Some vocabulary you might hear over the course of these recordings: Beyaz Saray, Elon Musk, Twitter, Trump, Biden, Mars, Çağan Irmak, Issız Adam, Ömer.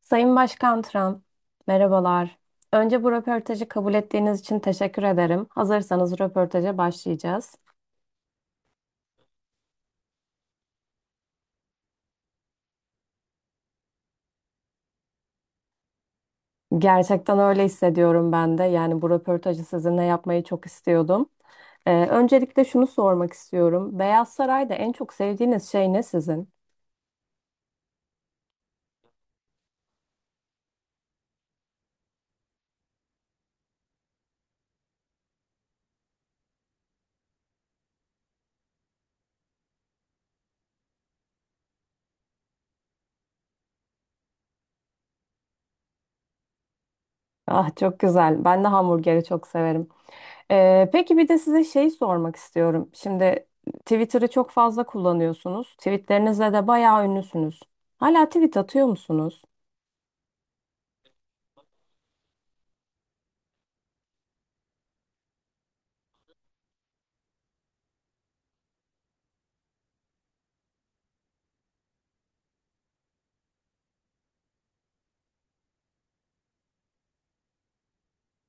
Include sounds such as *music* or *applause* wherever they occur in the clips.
Sayın Başkan Trump, merhabalar. Önce bu röportajı kabul ettiğiniz için teşekkür ederim. Hazırsanız röportaja başlayacağız. Gerçekten öyle hissediyorum ben de. Yani bu röportajı sizinle yapmayı çok istiyordum. Öncelikle şunu sormak istiyorum. Beyaz Saray'da en çok sevdiğiniz şey ne sizin? Ah çok güzel. Ben de hamburgeri çok severim. Peki bir de size şey sormak istiyorum. Şimdi Twitter'ı çok fazla kullanıyorsunuz. Tweetlerinizle de bayağı ünlüsünüz. Hala tweet atıyor musunuz?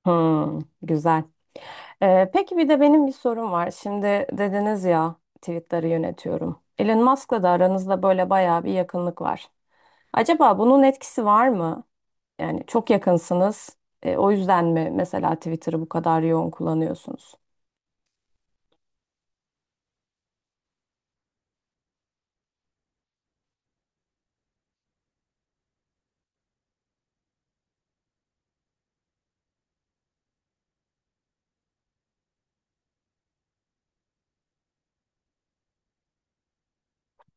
Hmm, güzel. Peki bir de benim bir sorum var. Şimdi dediniz ya, tweetleri yönetiyorum. Elon Musk'la da aranızda böyle bayağı bir yakınlık var. Acaba bunun etkisi var mı? Yani çok yakınsınız. O yüzden mi mesela Twitter'ı bu kadar yoğun kullanıyorsunuz?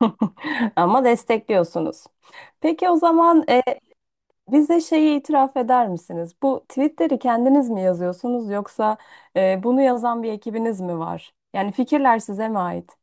*laughs* Ama destekliyorsunuz. Peki o zaman bize şeyi itiraf eder misiniz? Bu tweetleri kendiniz mi yazıyorsunuz yoksa bunu yazan bir ekibiniz mi var? Yani fikirler size mi ait?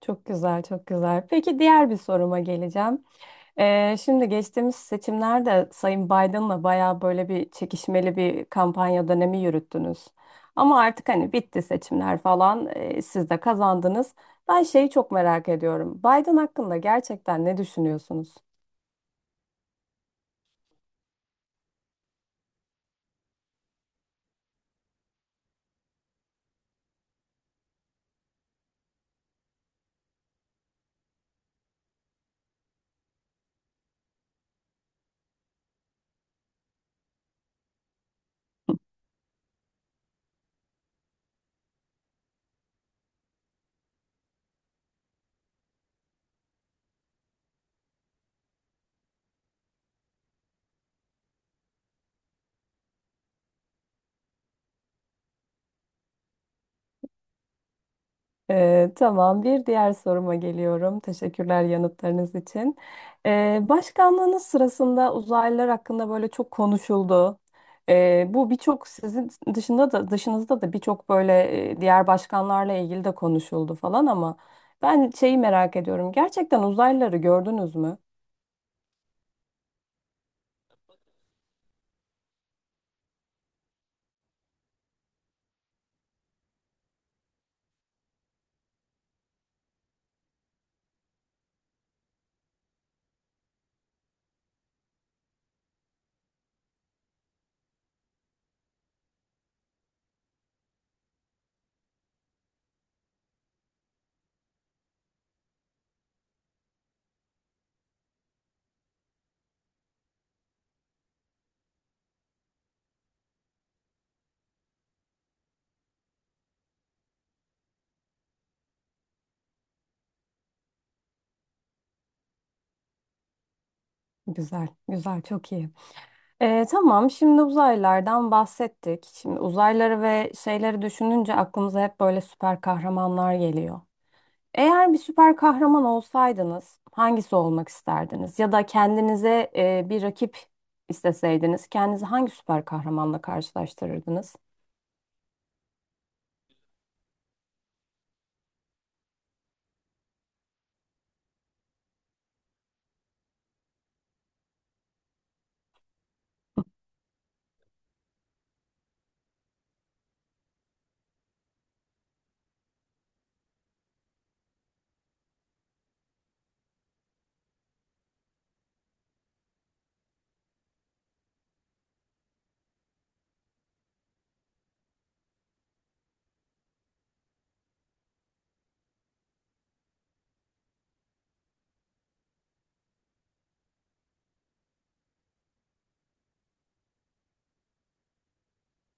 Çok güzel, çok güzel. Peki diğer bir soruma geleceğim. Şimdi geçtiğimiz seçimlerde Sayın Biden'la bayağı böyle bir çekişmeli bir kampanya dönemi yürüttünüz. Ama artık hani bitti seçimler falan, siz de kazandınız. Ben şeyi çok merak ediyorum. Biden hakkında gerçekten ne düşünüyorsunuz? Tamam, bir diğer soruma geliyorum. Teşekkürler yanıtlarınız için. Başkanlığınız sırasında uzaylılar hakkında böyle çok konuşuldu. Bu birçok sizin dışında da dışınızda da birçok böyle diğer başkanlarla ilgili de konuşuldu falan ama ben şeyi merak ediyorum. Gerçekten uzaylıları gördünüz mü? Güzel, güzel, çok iyi. Tamam, şimdi uzaylılardan bahsettik. Şimdi uzaylıları ve şeyleri düşününce aklımıza hep böyle süper kahramanlar geliyor. Eğer bir süper kahraman olsaydınız, hangisi olmak isterdiniz? Ya da kendinize bir rakip isteseydiniz, kendinizi hangi süper kahramanla karşılaştırırdınız?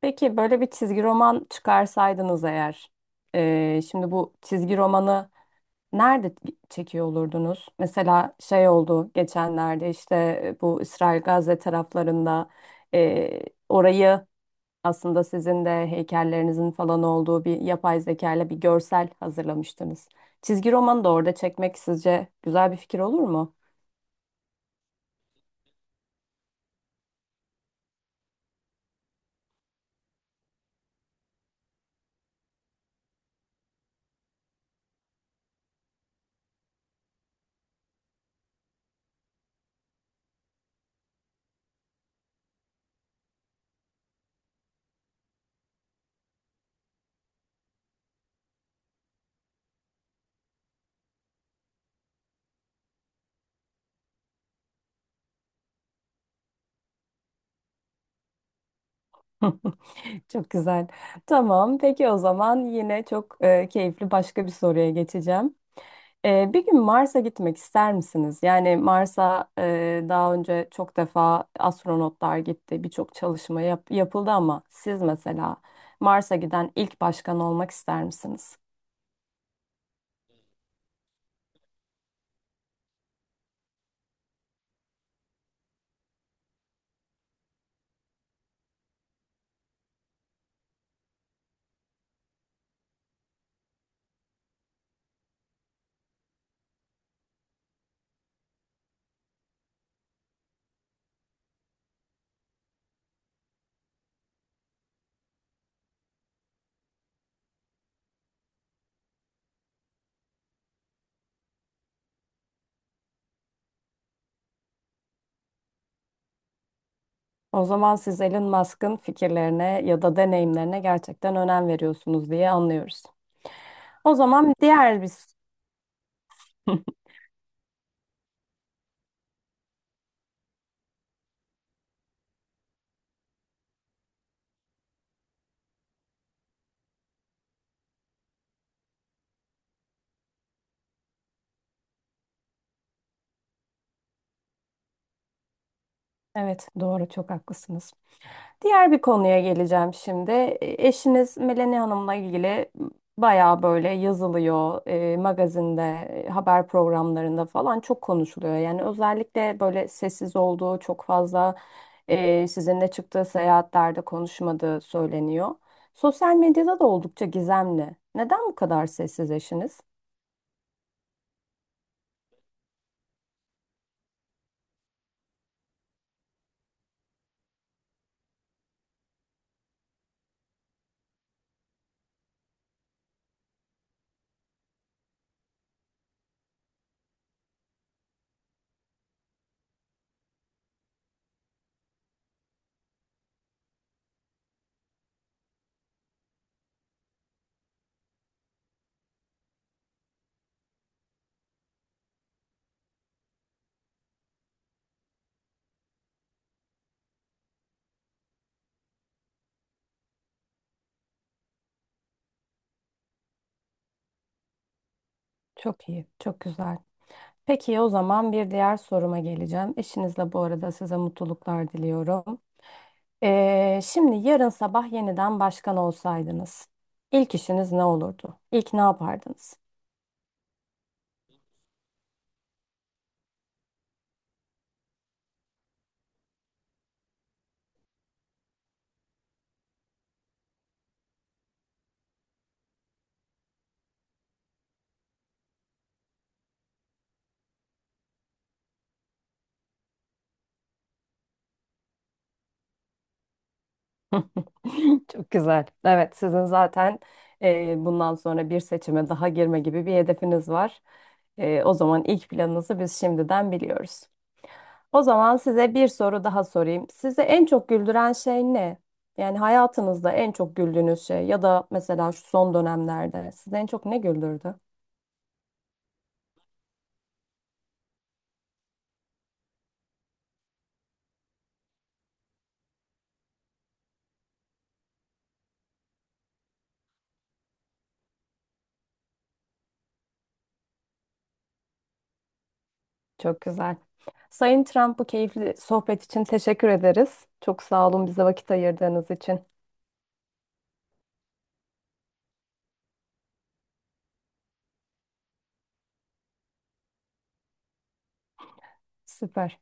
Peki böyle bir çizgi roman çıkarsaydınız eğer, şimdi bu çizgi romanı nerede çekiyor olurdunuz? Mesela şey oldu geçenlerde işte bu İsrail-Gazze taraflarında e, orayı, aslında sizin de heykellerinizin falan olduğu bir yapay zeka ile bir görsel hazırlamıştınız. Çizgi romanı da orada çekmek sizce güzel bir fikir olur mu? *laughs* Çok güzel. Tamam, peki o zaman yine çok keyifli başka bir soruya geçeceğim. Bir gün Mars'a gitmek ister misiniz? Yani Mars'a daha önce çok defa astronotlar gitti, birçok çalışma yapıldı ama siz mesela Mars'a giden ilk başkan olmak ister misiniz? O zaman siz Elon Musk'ın fikirlerine ya da deneyimlerine gerçekten önem veriyorsunuz diye anlıyoruz. O zaman diğer biz. *laughs* Evet, doğru, çok haklısınız. Diğer bir konuya geleceğim şimdi. Eşiniz Melanie Hanım'la ilgili bayağı böyle yazılıyor, magazinde, haber programlarında falan çok konuşuluyor. Yani özellikle böyle sessiz olduğu, çok fazla sizinle çıktığı seyahatlerde konuşmadığı söyleniyor. Sosyal medyada da oldukça gizemli. Neden bu kadar sessiz eşiniz? Çok iyi, çok güzel. Peki o zaman bir diğer soruma geleceğim. Eşinizle bu arada size mutluluklar diliyorum. Şimdi yarın sabah yeniden başkan olsaydınız, ilk işiniz ne olurdu? İlk ne yapardınız? *laughs* Çok güzel. Evet, sizin zaten bundan sonra bir seçime daha girme gibi bir hedefiniz var. O zaman ilk planınızı biz şimdiden biliyoruz. O zaman size bir soru daha sorayım. Size en çok güldüren şey ne? Yani hayatınızda en çok güldüğünüz şey ya da mesela şu son dönemlerde sizi en çok ne güldürdü? Çok güzel. Sayın Trump, bu keyifli sohbet için teşekkür ederiz. Çok sağ olun bize vakit ayırdığınız için. Süper.